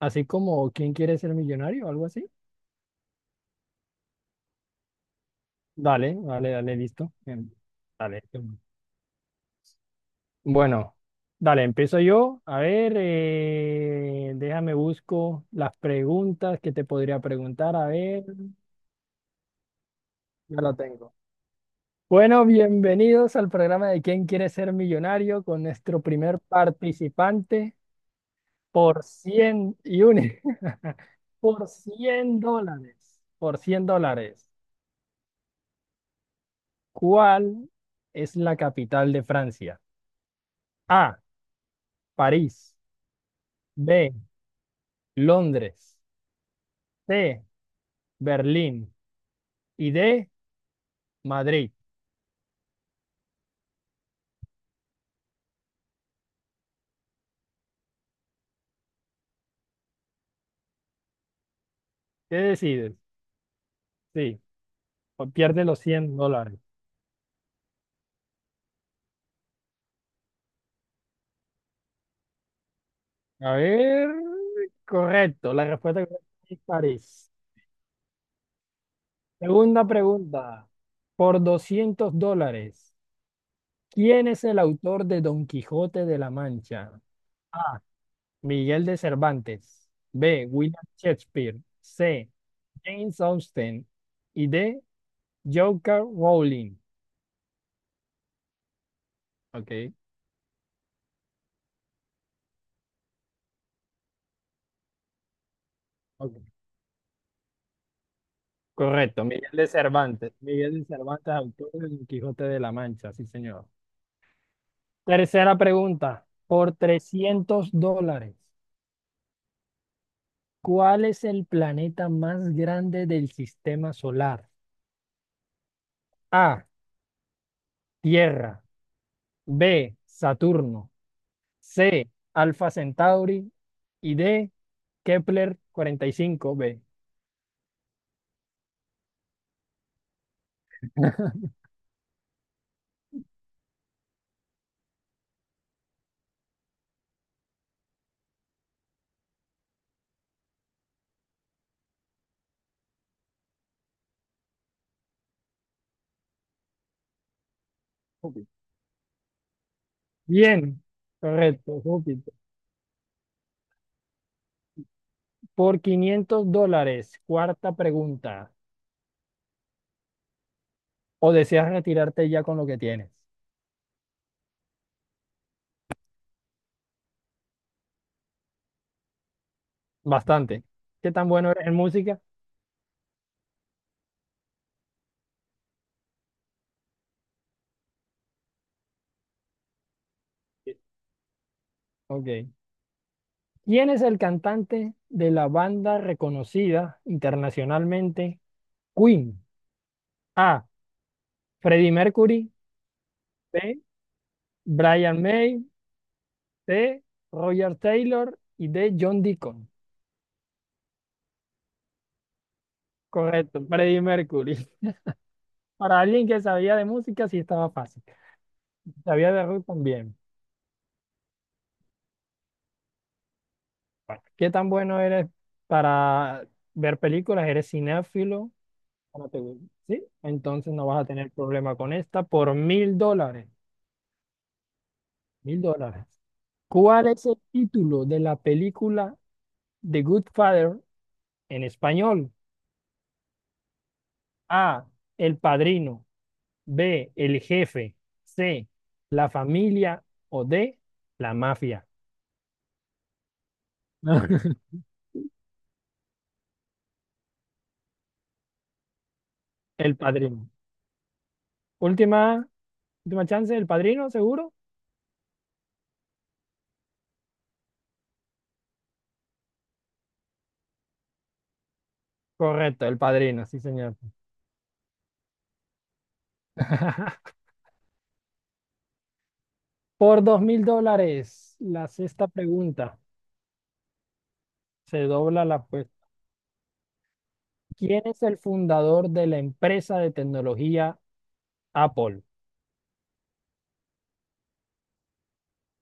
Así como ¿Quién quiere ser millonario? O algo así. Dale, dale, dale, listo. Dale. Bueno, dale, empiezo yo. A ver, déjame busco las preguntas que te podría preguntar. A ver, ya la tengo. Bueno, bienvenidos al programa de ¿Quién quiere ser millonario? Con nuestro primer participante por 100 y un, por $100. Por $100. ¿Cuál es la capital de Francia? A. París, B, Londres, C, Berlín y D, Madrid. ¿Qué decides? Sí, o pierdes los $100. A ver, correcto, la respuesta correcta es París. Segunda pregunta, por $200, ¿quién es el autor de Don Quijote de la Mancha? A, Miguel de Cervantes, B, William Shakespeare, C, James Austen y D, Joker Rowling. Ok. Ok. Correcto, Miguel de Cervantes. Miguel de Cervantes, autor del Quijote de la Mancha, sí, señor. Tercera pregunta, por $300, ¿cuál es el planeta más grande del sistema solar? A, Tierra, B, Saturno, C, Alfa Centauri y D, Kepler 45b. Júpiter. Bien, correcto, Júpiter. Por $500, cuarta pregunta, ¿o deseas retirarte ya con lo que tienes? Bastante. ¿Qué tan bueno eres en música? Sí. Ok. ¿Quién es el cantante de la banda reconocida internacionalmente Queen? A. Freddie Mercury. B. Brian May. C. Roger Taylor. Y D. John Deacon. Correcto, Freddie Mercury. Para alguien que sabía de música, sí estaba fácil. Sabía de rock también. Bueno, ¿qué tan bueno eres para ver películas? ¿Eres cinéfilo? Espérate, güey. ¿Sí? Entonces no vas a tener problema con esta por $1,000. $1,000. ¿Cuál es el título de la película The Good Father en español? A. El Padrino. B. El Jefe. C. La Familia. O D. La Mafia. El Padrino. Última, última chance, El Padrino, seguro. Correcto, El Padrino, sí, señor. Por $2,000, la sexta pregunta. Se dobla la apuesta. ¿Quién es el fundador de la empresa de tecnología Apple?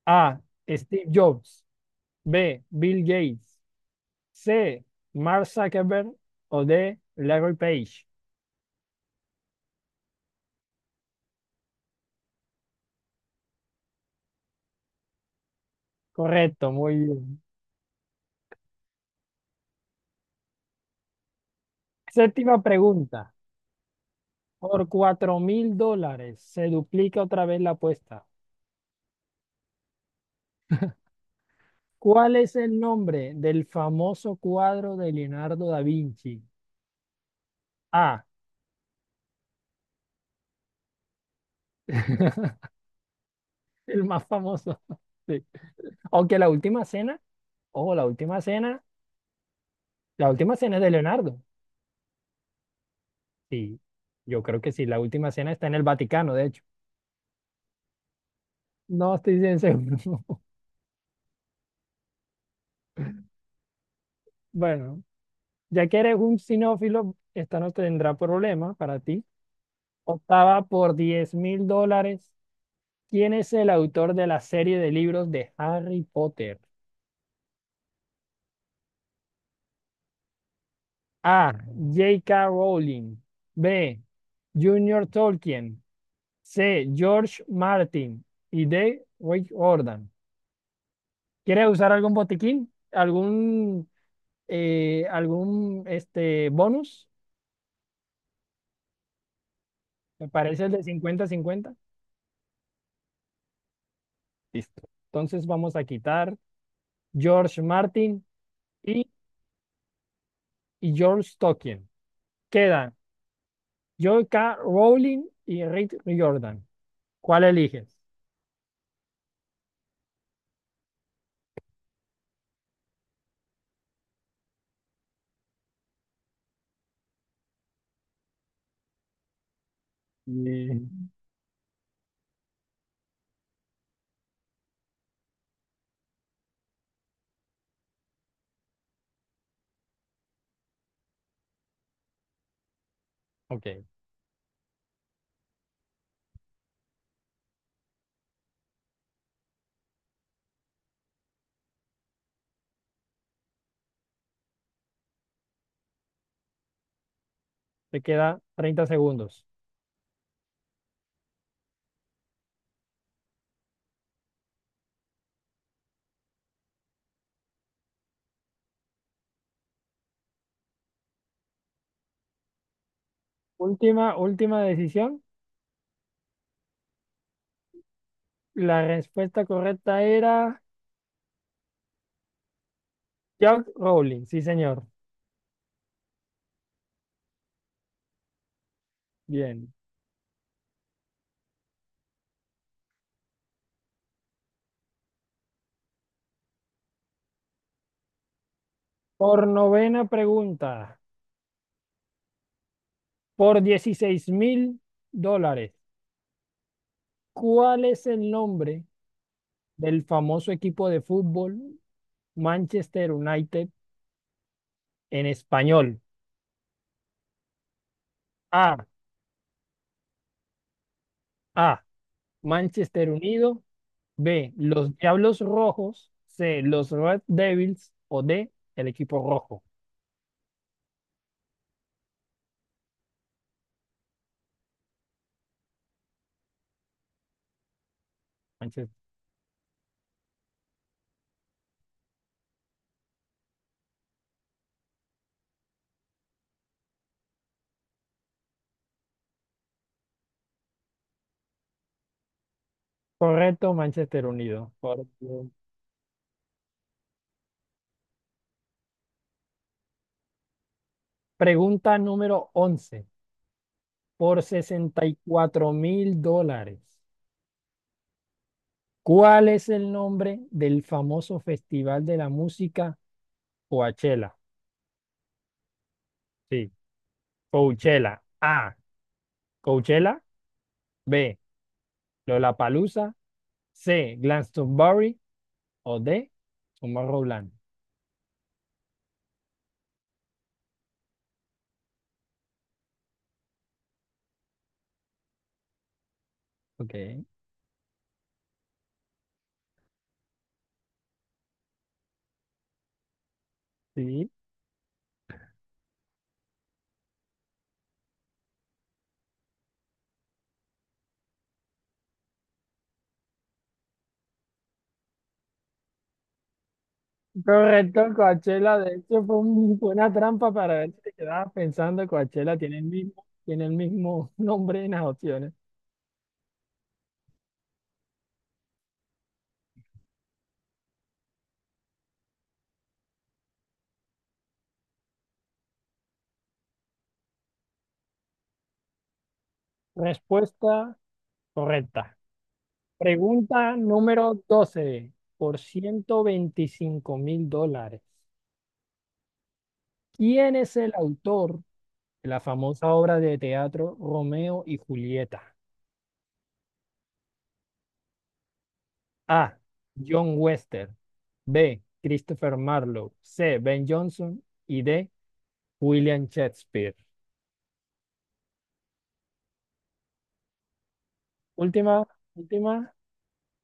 A. Steve Jobs. B. Bill Gates. C. Mark Zuckerberg. O D. Larry Page. Correcto, muy bien. Séptima pregunta. Por $4,000 se duplica otra vez la apuesta. ¿Cuál es el nombre del famoso cuadro de Leonardo da Vinci? A. El más famoso. Sí. Aunque la última cena, ojo, la última cena es de Leonardo. Sí, yo creo que sí. La última cena está en el Vaticano, de hecho. No estoy bien seguro. Bueno, ya que eres un sinófilo, esta no tendrá problema para ti. Octava por $10,000. ¿Quién es el autor de la serie de libros de Harry Potter? A. J K Rowling. B. Junior Tolkien. C. George Martin. Y D. Rick Jordan. ¿Quieres usar algún botiquín? ¿Algún este, bonus, me parece el de 50-50. Listo. Entonces vamos a quitar George Martin y, y George Tolkien. Quedan Joe K. Rowling y Rick Riordan. ¿Cuál eliges? Y- Ok, te queda 30 segundos. Última, última decisión. La respuesta correcta era George Rowling, sí señor. Bien. Por novena pregunta, por $16,000. ¿Cuál es el nombre del famoso equipo de fútbol Manchester United en español? A. A. Manchester Unido. B. Los Diablos Rojos. C. Los Red Devils. O D. El equipo rojo. Manches- Correcto, Manchester Unido. Correcto. Pregunta número 11, por $64,000. ¿Cuál es el nombre del famoso festival de la música Coachella? Sí. Coachella. A. Coachella. B. Lollapalooza. C. Glastonbury. O D. Tomorrowland. Ok. Sí. Correcto, Coachella. De hecho, fue una trampa para ver si te quedabas pensando. Coachella tiene el mismo nombre en las opciones. Respuesta correcta. Pregunta número 12, por $125,000. ¿Quién es el autor, la famosa obra de teatro Romeo y Julieta? A. John Wester. B. Christopher Marlowe. C. Ben Jonson. Y D. William Shakespeare. Última, última,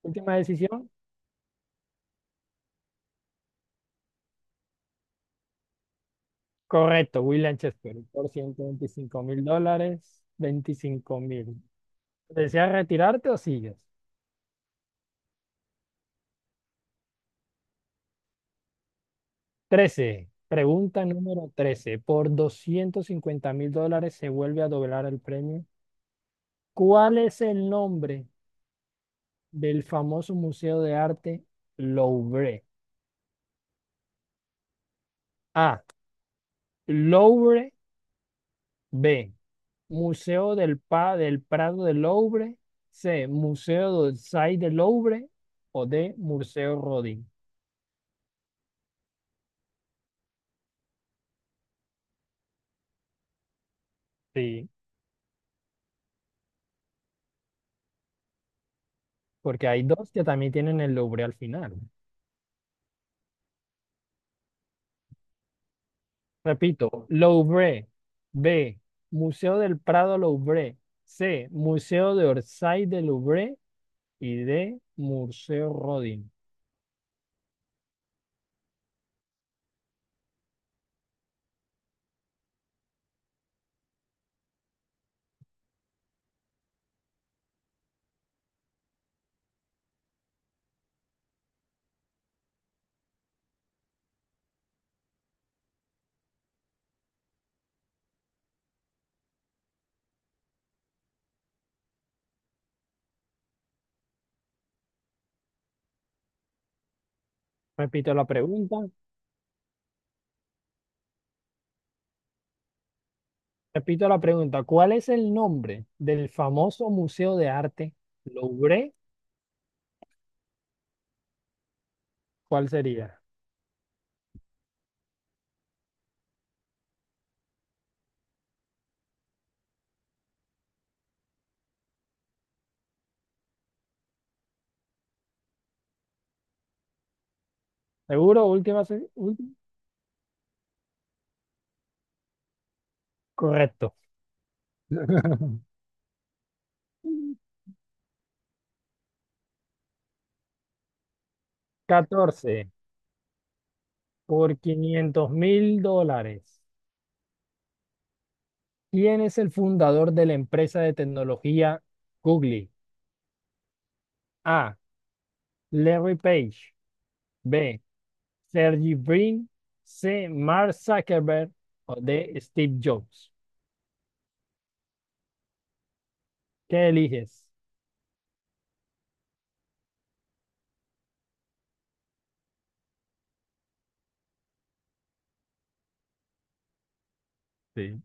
última decisión. Correcto, William Shakespeare. Por $125,000, 25,000. ¿Deseas retirarte o sigues? Trece Pregunta número 13, por $250,000 se vuelve a doblar el premio. ¿Cuál es el nombre del famoso Museo de Arte Louvre? A. Louvre. B. Museo del, del Prado del Louvre. C. Museo d'Orsay del Louvre. O D. Museo Rodin. Sí, porque hay dos que también tienen el Louvre al final. Repito, Louvre. B. Museo del Prado Louvre. C. Museo de Orsay del Louvre. Y D. Museo Rodin. Repito la pregunta. Repito la pregunta, ¿cuál es el nombre del famoso Museo de Arte Louvre? ¿Cuál sería? Seguro, última, correcto. 14, por $500,000. ¿Quién es el fundador de la empresa de tecnología Google? A. Larry Page. B. Sergey Brin. C. Mark Zuckerberg. O D. Steve Jobs. ¿Qué eliges? Sí,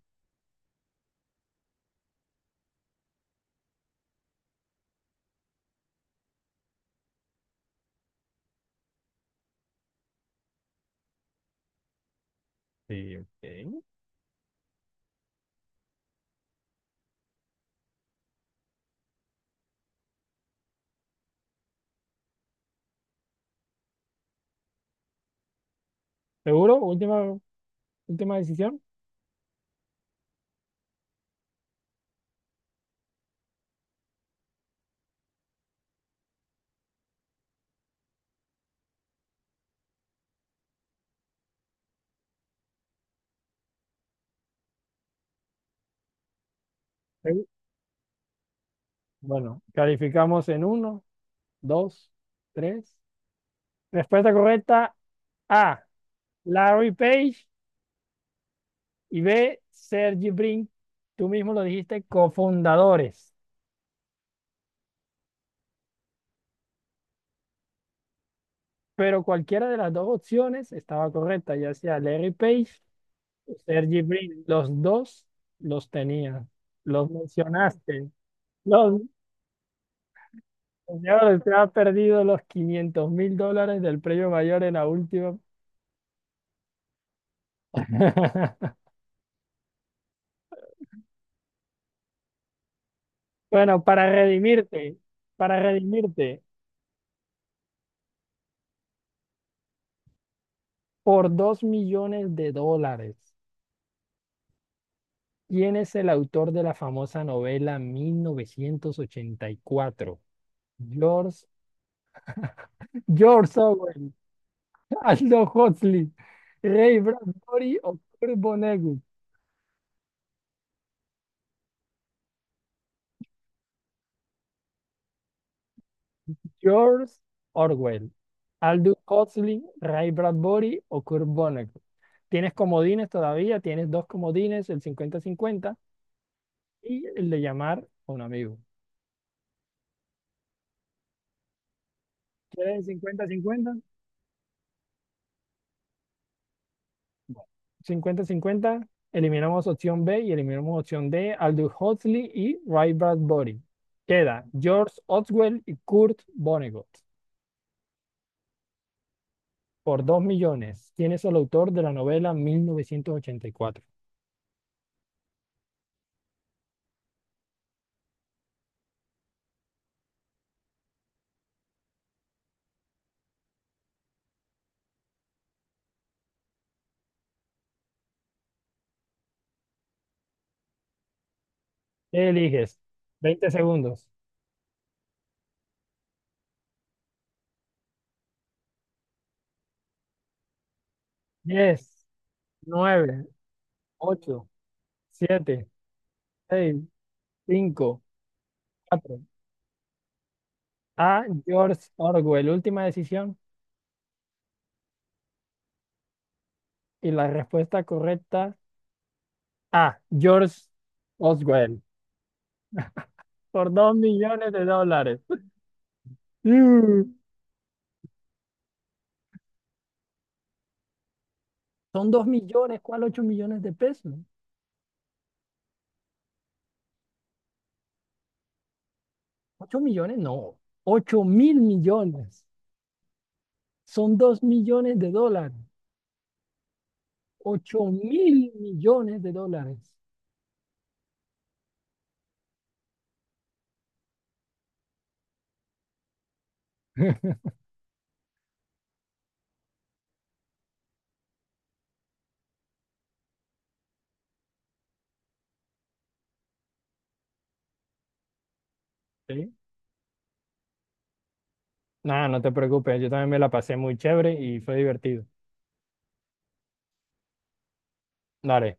sí, ok. ¿Seguro? Última decisión. Sí. Bueno, calificamos en uno, dos, tres. Respuesta correcta, A, Larry Page y B, Sergey Brin. Tú mismo lo dijiste, cofundadores. Pero cualquiera de las dos opciones estaba correcta, ya sea Larry Page o Serge Brink. Los dos los tenías, los mencionaste. Los, ya te has perdido los $500,000 del premio mayor en la última. Bueno, para redimirte, por $2,000,000, ¿quién es el autor de la famosa novela 1984? George, George Orwell, Aldous Huxley, Ray Bradbury o Kurt Vonnegut. George Orwell, Aldous Huxley, Ray Bradbury o Kurt Vonnegut. Tienes comodines todavía, tienes dos comodines, el 50-50 y el de llamar a un amigo. ¿Quieres el 50-50? Bueno, cincuenta 50. Eliminamos opción B y eliminamos opción D. Aldous Huxley y Ray Bradbury. Queda George Orwell y Kurt Vonnegut por 2,000,000. ¿Quién es el autor de la novela 1984? ¿Qué eliges? 20 segundos. 10, 9, 8, 7, 6, 5, 4. A. George Orwell. Última decisión. Y la respuesta correcta, A. George Orwell. Por $2,000,000. Mm, Son 2,000,000, ¿cuál 8,000,000 de pesos? ¿8,000,000? No, 8,000,000,000. Son $2,000,000. 8,000,000,000 de dólares. ¿Sí? Nada, no te preocupes, yo también me la pasé muy chévere y fue divertido. Dale.